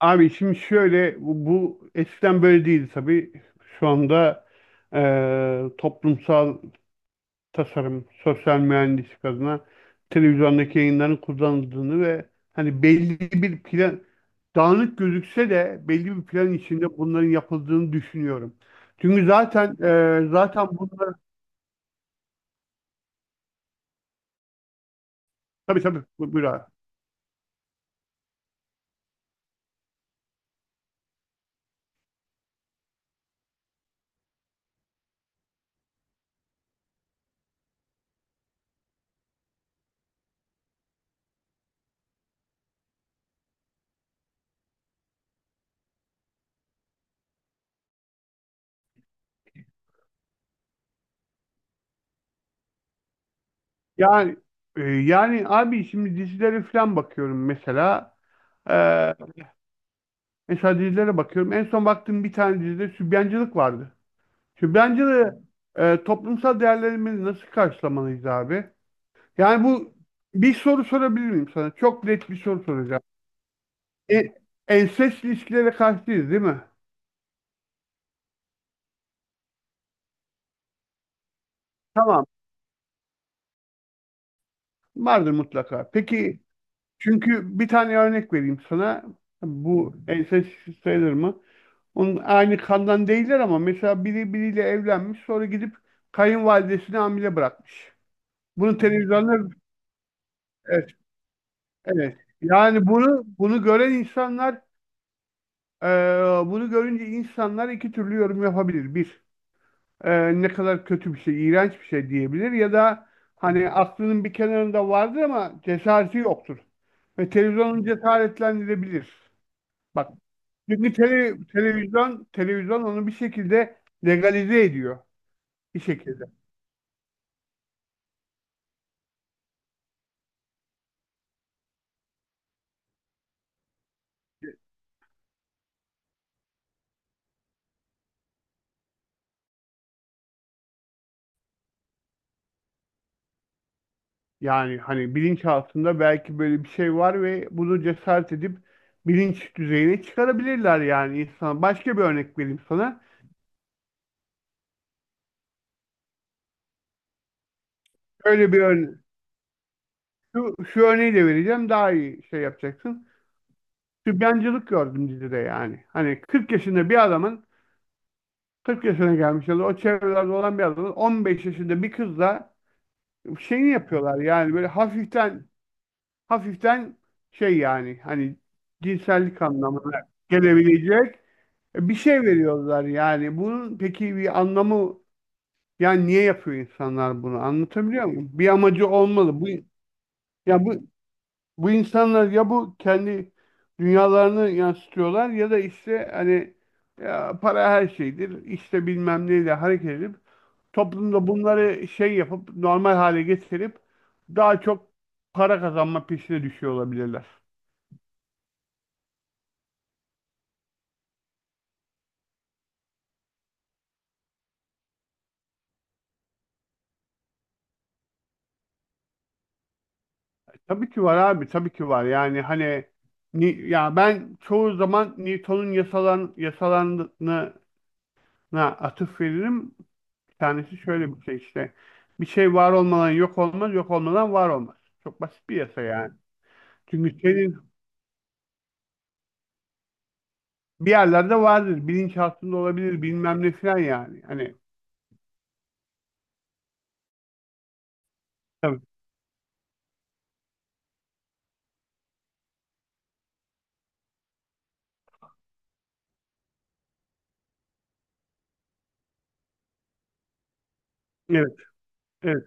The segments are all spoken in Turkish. Abi şimdi şöyle bu eskiden böyle değildi tabii. Şu anda toplumsal tasarım, sosyal mühendislik adına televizyondaki yayınların kullanıldığını ve hani belli bir plan dağınık gözükse de belli bir plan içinde bunların yapıldığını düşünüyorum. Çünkü zaten bunlar tabii tabii buyur abi. Yani yani abi şimdi dizilere falan bakıyorum mesela. e, Mesela dizilere bakıyorum. En son baktığım bir tane dizide sübyancılık vardı. Sübyancılığı toplumsal değerlerimizi nasıl karşılamalıyız abi? Yani bu, bir soru sorabilir miyim sana? Çok net bir soru soracağım. E, ensest ilişkilere karşıyız değil mi? Tamam. Vardır mutlaka. Peki, çünkü bir tane örnek vereyim sana. Bu ensest sayılır mı? Onun aynı kandan değiller ama mesela biri biriyle evlenmiş, sonra gidip kayınvalidesini hamile bırakmış. Bunu televizyonda. Evet. Yani bunu gören insanlar, e, bunu görünce insanlar iki türlü yorum yapabilir. Bir, ne kadar kötü bir şey, iğrenç bir şey diyebilir ya da hani aklının bir kenarında vardır ama cesareti yoktur. Ve televizyonun cesaretlendirebilir. Bak, çünkü televizyon onu bir şekilde legalize ediyor bir şekilde. Yani hani bilinçaltında belki böyle bir şey var ve bunu cesaret edip bilinç düzeyine çıkarabilirler yani insan. Başka bir örnek vereyim sana. Öyle bir örnek. Şu örneği de vereceğim, daha iyi şey yapacaksın. Sübyancılık gördüm dizide yani. Hani 40 yaşında bir adamın, 40 yaşına gelmiş ya da o çevrelerde olan bir adamın, 15 yaşında bir kızla şeyini yapıyorlar yani, böyle hafiften hafiften şey yani hani cinsellik anlamına gelebilecek bir şey veriyorlar yani. Bunun peki bir anlamı, yani niye yapıyor insanlar bunu? Anlatabiliyor muyum? Bir amacı olmalı. Ya bu insanlar ya bu kendi dünyalarını yansıtıyorlar ya da işte hani, ya para her şeydir, İşte bilmem neyle hareket edip toplumda bunları şey yapıp normal hale getirip daha çok para kazanma peşine düşüyor olabilirler. Tabii ki var abi, tabii ki var. Yani hani ya, ben çoğu zaman Newton'un yasalarına atıf veririm. Bir tanesi şöyle bir şey işte. Bir şey var olmadan yok olmaz, yok olmadan var olmaz. Çok basit bir yasa yani. Çünkü senin bir yerlerde vardır, bilinç altında olabilir, bilmem ne falan yani. Hani tabii. Evet, evet.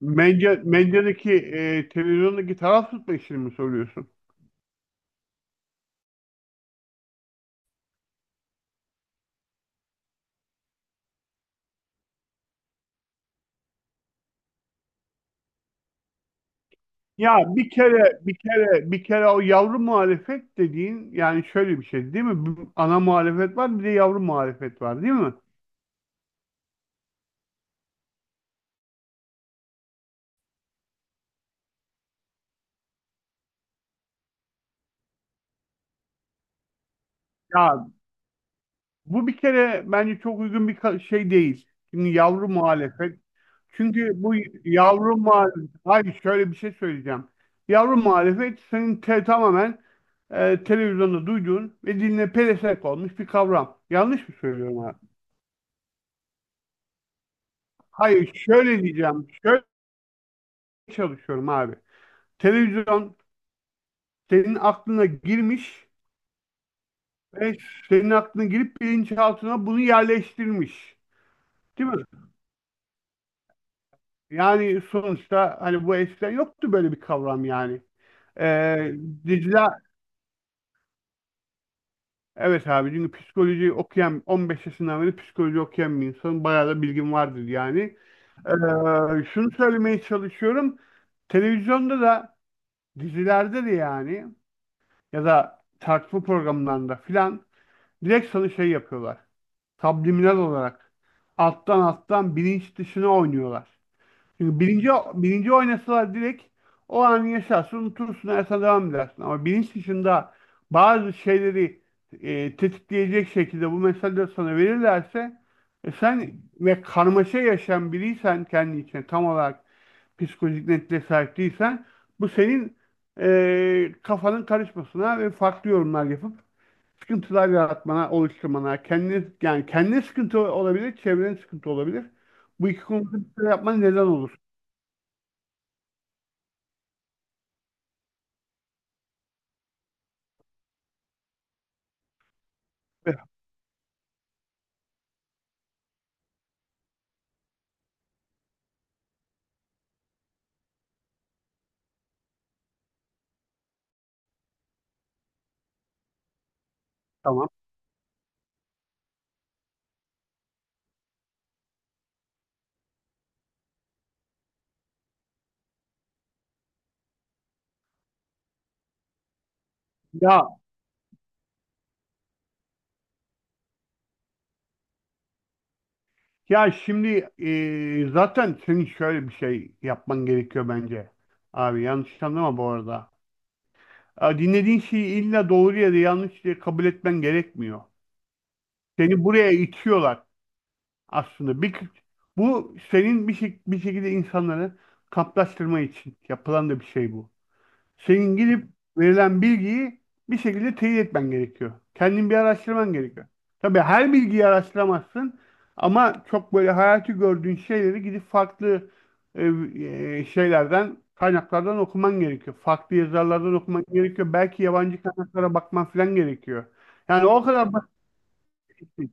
Medyadaki televizyondaki taraf tutma işini mi soruyorsun? Ya bir kere o yavru muhalefet dediğin, yani şöyle bir şey değil mi? Bir ana muhalefet var, bir de yavru muhalefet var değil mi? Ya bu bir kere bence çok uygun bir şey değil. Şimdi yavru muhalefet. Çünkü bu yavru muhalefet, hayır şöyle bir şey söyleyeceğim. Yavru muhalefet senin tamamen televizyonda duyduğun ve diline pelesenk olmuş bir kavram. Yanlış mı söylüyorum abi? Hayır şöyle diyeceğim. Şöyle çalışıyorum abi. Televizyon senin aklına girmiş ve senin aklına girip bilinçaltına bunu yerleştirmiş. Değil mi? Yani sonuçta hani bu eskiden yoktu böyle bir kavram yani. Ee, Dicle, evet abi, çünkü psikoloji okuyan, 15 yaşından beri psikoloji okuyan bir insanın bayağı da bilgim vardır yani. Şunu söylemeye çalışıyorum. Televizyonda da dizilerde de, yani ya da tartışma programlarında filan, direkt sana şey yapıyorlar. Subliminal olarak. Alttan alttan bilinç dışına oynuyorlar. Çünkü bilinci oynasalar direkt o an yaşarsın, unutursun, hayata devam edersin. Ama bilinç dışında bazı şeyleri tetikleyecek şekilde bu mesajları sana verirlerse, sen ve karmaşa yaşayan biriysen, kendi içine tam olarak psikolojik netliğe sahip değilsen, bu senin kafanın karışmasına ve farklı yorumlar yapıp sıkıntılar yaratmana, oluşturmana, kendine, yani kendine sıkıntı olabilir, çevrene sıkıntı olabilir. Bu iki konuda bir şeyler yapman neden olur? Eh, Tamam. Ya ya şimdi zaten senin şöyle bir şey yapman gerekiyor bence. Abi, yanlış anlama bu arada. Ya dinlediğin şeyi illa doğru ya da yanlış diye kabul etmen gerekmiyor. Seni buraya itiyorlar aslında. Bir, bu senin bir şekilde insanları kamplaştırma için yapılan da bir şey bu. Senin gidip verilen bilgiyi bir şekilde teyit etmen gerekiyor. Kendin bir araştırman gerekiyor. Tabii her bilgiyi araştıramazsın ama çok böyle hayatı gördüğün şeyleri gidip farklı şeylerden, kaynaklardan okuman gerekiyor. Farklı yazarlardan okuman gerekiyor. Belki yabancı kaynaklara bakman falan gerekiyor. Yani o kadar basit değil.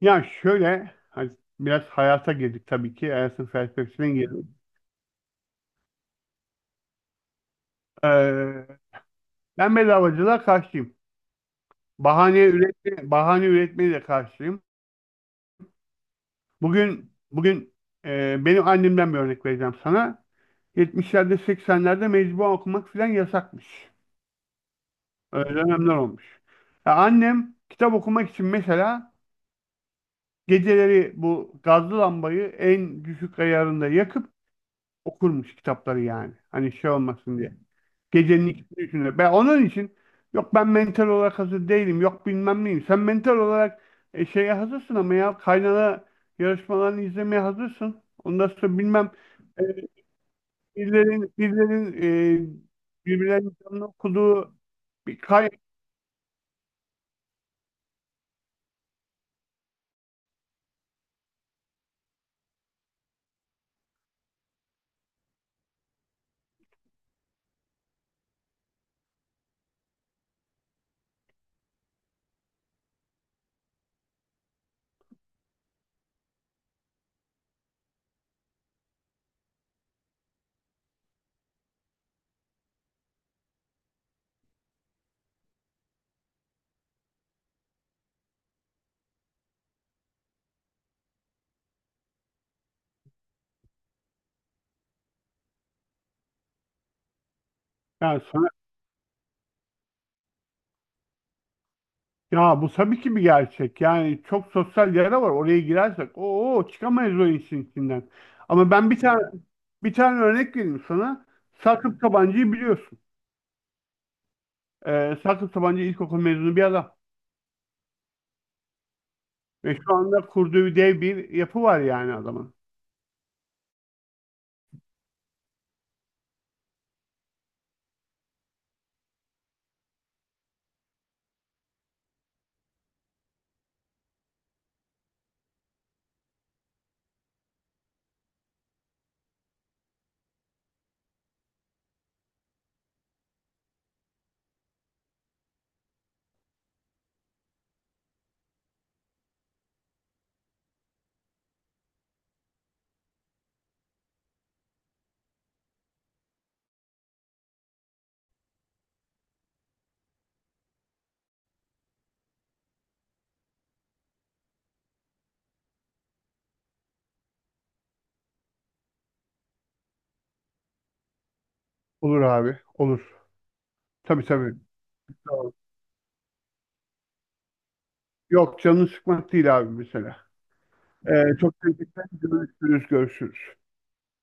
Ya şöyle, hani biraz hayata girdik tabii ki. Hayatın felsefesine girdik. Ee, ben bedavacılığa karşıyım. Bahane üretme, bahane üretmeye de karşıyım. Bugün bugün benim annemden bir örnek vereceğim sana. 70'lerde 80'lerde mecbur okumak filan yasakmış. Öyle dönemler olmuş. Ya annem kitap okumak için mesela geceleri bu gazlı lambayı en düşük ayarında yakıp okurmuş kitapları yani. Hani şey olmasın diye. Gecenin ikisini üçünde. Ben onun için, yok ben mental olarak hazır değilim, yok bilmem neyim. Sen mental olarak şeye hazırsın ama ya kaynana yarışmalarını izlemeye hazırsın. Ondan sonra bilmem e, birilerin birbirlerinin canını okuduğu bir kay yani sana- Ya bu tabii ki bir gerçek. Yani çok sosyal yara var. Oraya girersek o çıkamayız o işin içinden. Ama ben bir tane örnek vereyim sana. Sakıp Sadık Sabancı'yı biliyorsun. Sakıp Sabancı İlkokul mezunu bir adam. Ve şu anda kurduğu dev bir yapı var yani adamın. Olur abi, olur. Tabii tabii. Doğru. Yok, canını sıkmak değil abi mesela. Çok teşekkürler. Görüşürüz, görüşürüz.